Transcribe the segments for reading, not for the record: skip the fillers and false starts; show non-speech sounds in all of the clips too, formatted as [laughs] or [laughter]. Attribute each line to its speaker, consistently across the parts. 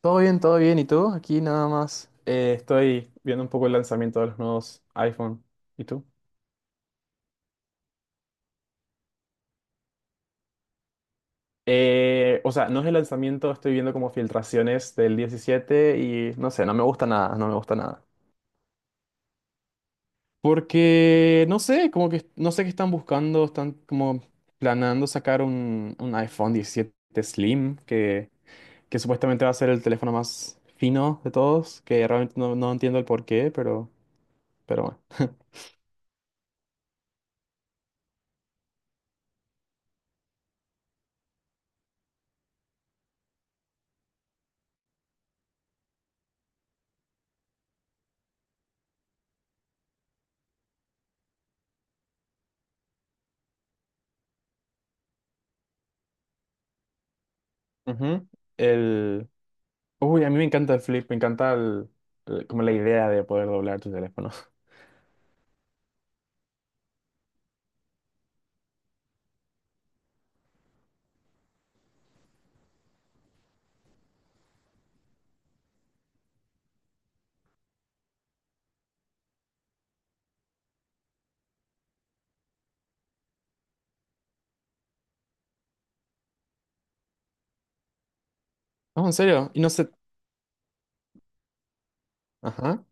Speaker 1: Todo bien, todo bien. ¿Y tú? Aquí nada más. Estoy viendo un poco el lanzamiento de los nuevos iPhone. ¿Y tú? No es el lanzamiento, estoy viendo como filtraciones del 17 y no sé, no me gusta nada, no me gusta nada. Porque, no sé, como que no sé qué están buscando, están como planeando sacar un iPhone 17 Slim, que supuestamente va a ser el teléfono más fino de todos, que realmente no, no entiendo el porqué, pero bueno. Ujú. El, uy, a mí me encanta el flip, me encanta como la idea de poder doblar tu teléfono. [laughs] No, en serio, y no sé. Ajá,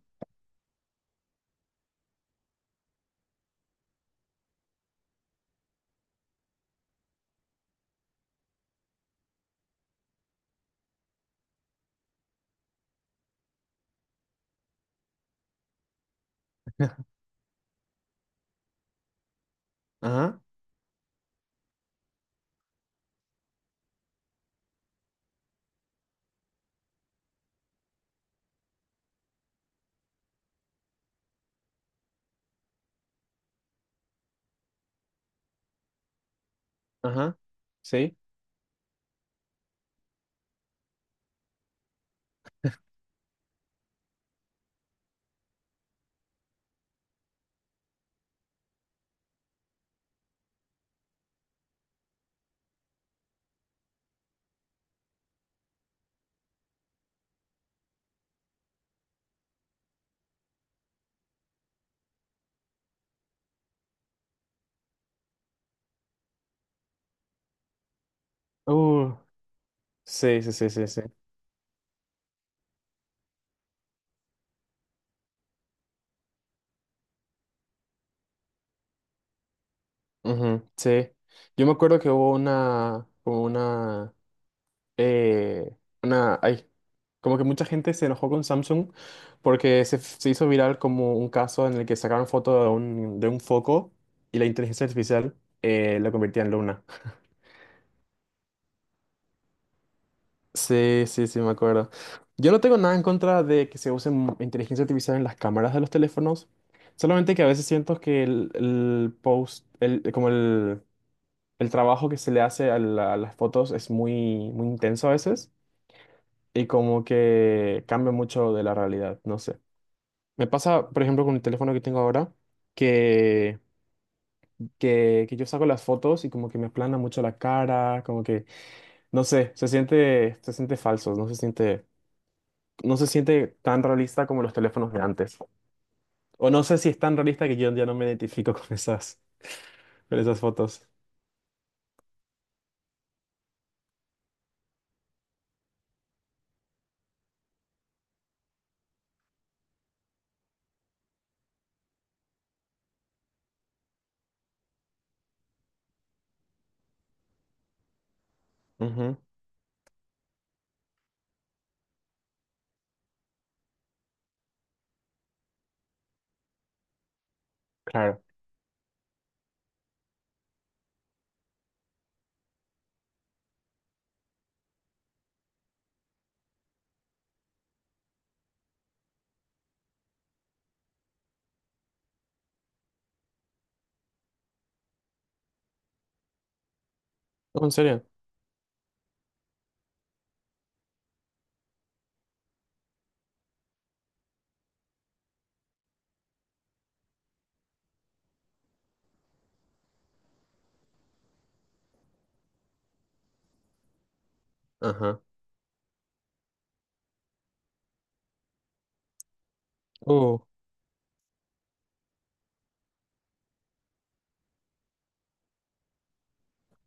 Speaker 1: ajá, ajá. Sí. Uh, sí, sí, sí, sí, sí. Ujú, sí. Yo me acuerdo que hubo una, como eh, una, ay, como que mucha gente se enojó con Samsung porque se hizo viral como un caso en el que sacaron foto de un foco y la inteligencia artificial la convertía en luna. Sí, sí, sí, me acuerdo. Yo no tengo nada en contra de que se use inteligencia artificial en las cámaras de los teléfonos, solamente que a veces siento que el post, el, como el trabajo que se le hace a las fotos es muy, muy intenso a veces y como que cambia mucho de la realidad, no sé. Me pasa, por ejemplo, con el teléfono que tengo ahora, que, que yo saco las fotos y como que me aplana mucho la cara, como que, no sé, se siente falso, no se siente tan realista como los teléfonos de antes. O no sé si es tan realista que yo ya no me identifico [laughs] con con esas fotos. Ujú, claro. Oh, ¿en serio? Ajá. Uh,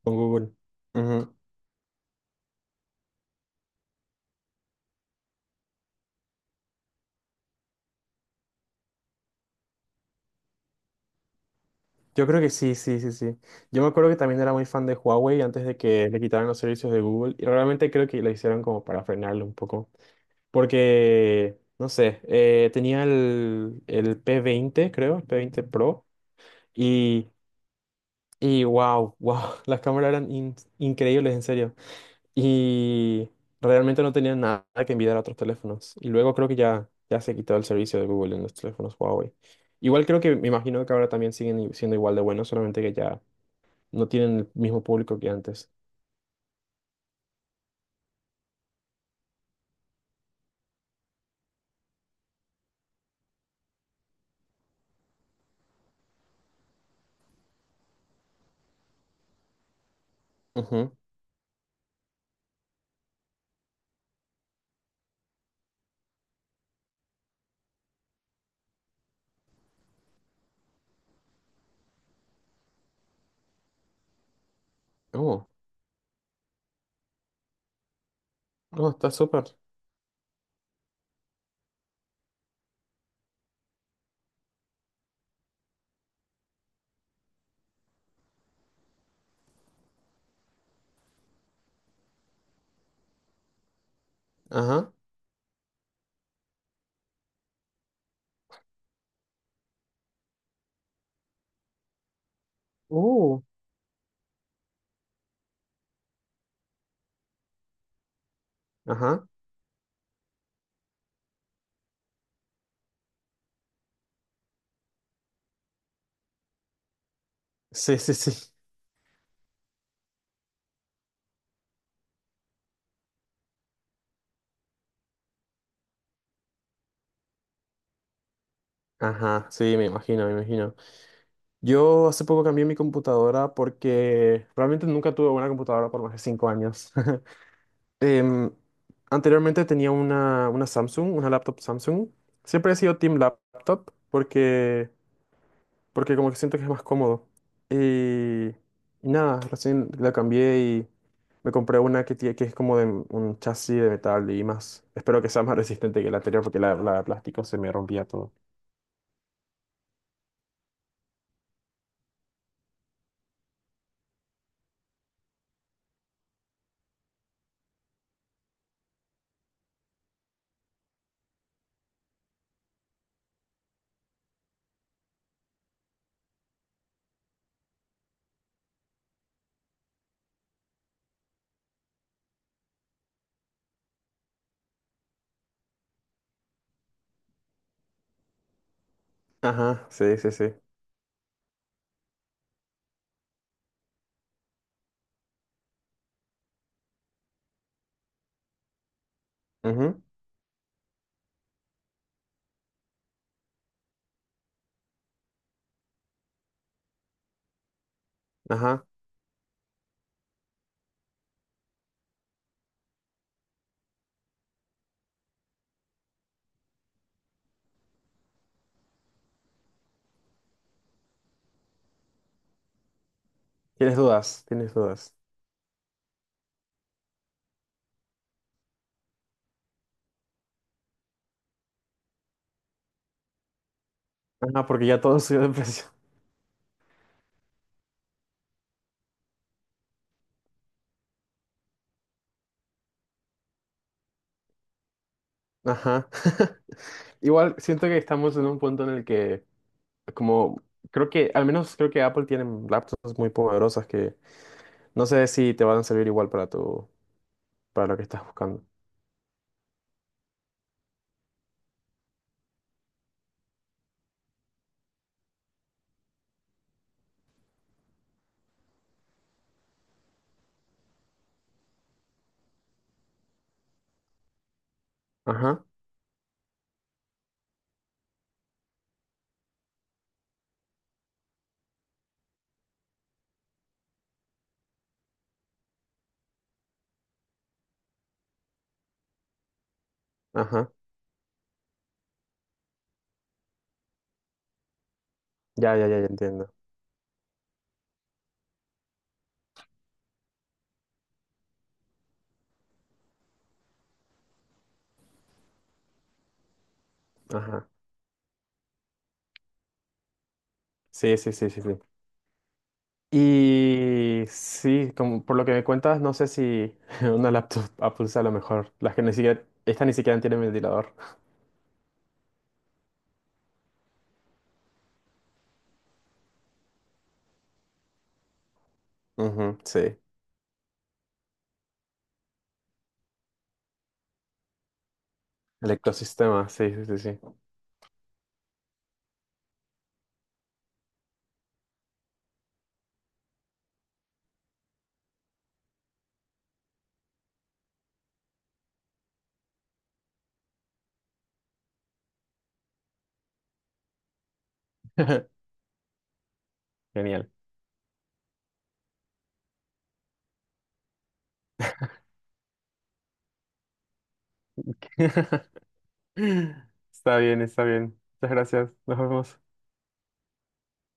Speaker 1: con Google. Ujú. Yo creo que sí, sí, sí, sí. Yo me acuerdo que también era muy fan de Huawei antes de que le quitaran los servicios de Google y realmente creo que lo hicieron como para frenarlo un poco. Porque, no sé, tenía el P20, creo, el P20 Pro. Y y wow, wow, [laughs] las cámaras eran increíbles, en serio. Y realmente no tenían nada que envidiar a otros teléfonos. Y luego creo que ya, ya se quitó el servicio de Google en los teléfonos Huawei. Igual creo que, me imagino que ahora también siguen siendo igual de buenos, solamente que ya no tienen el mismo público que antes. Ujú. Oh, oh, está súper. Ajá. Uh, ajá. Sí, sí, sí. Ajá, sí, me imagino, me imagino. Yo hace poco cambié mi computadora porque realmente nunca tuve una computadora por más de 5 años. [laughs] Em, Anteriormente tenía una Samsung, una laptop Samsung. Siempre he sido Team Laptop porque, porque como que siento que es más cómodo. Y, y nada, recién la cambié y me compré una que es como de un chasis de metal y más. Espero que sea más [laughs] resistente que la anterior porque la de plástico se me rompía todo. Ajá, sí, sí, sí. Ujú, ajá. Tienes dudas, tienes dudas. Ajá, porque ya todo [laughs] subió de precio. Ajá. [laughs] Igual siento que estamos en un punto en el que como creo que, al menos creo que Apple tiene laptops muy poderosas que no sé si te van a servir igual para tu, para lo que estás buscando. Ajá, ajá. Ya, ya, ya, ya entiendo. Ajá. Sí, sí, sí, sí, sí. Y sí, como por lo que me cuentas, no sé si [laughs] una laptop Apple sea lo mejor. Las que ni siquiera, estas ni siquiera tienen ventilador. Ujú, sí. El ecosistema, sí, sí, sí, sí. [laughs] Genial. [laughs] Está bien, está bien. Muchas gracias. Nos vemos.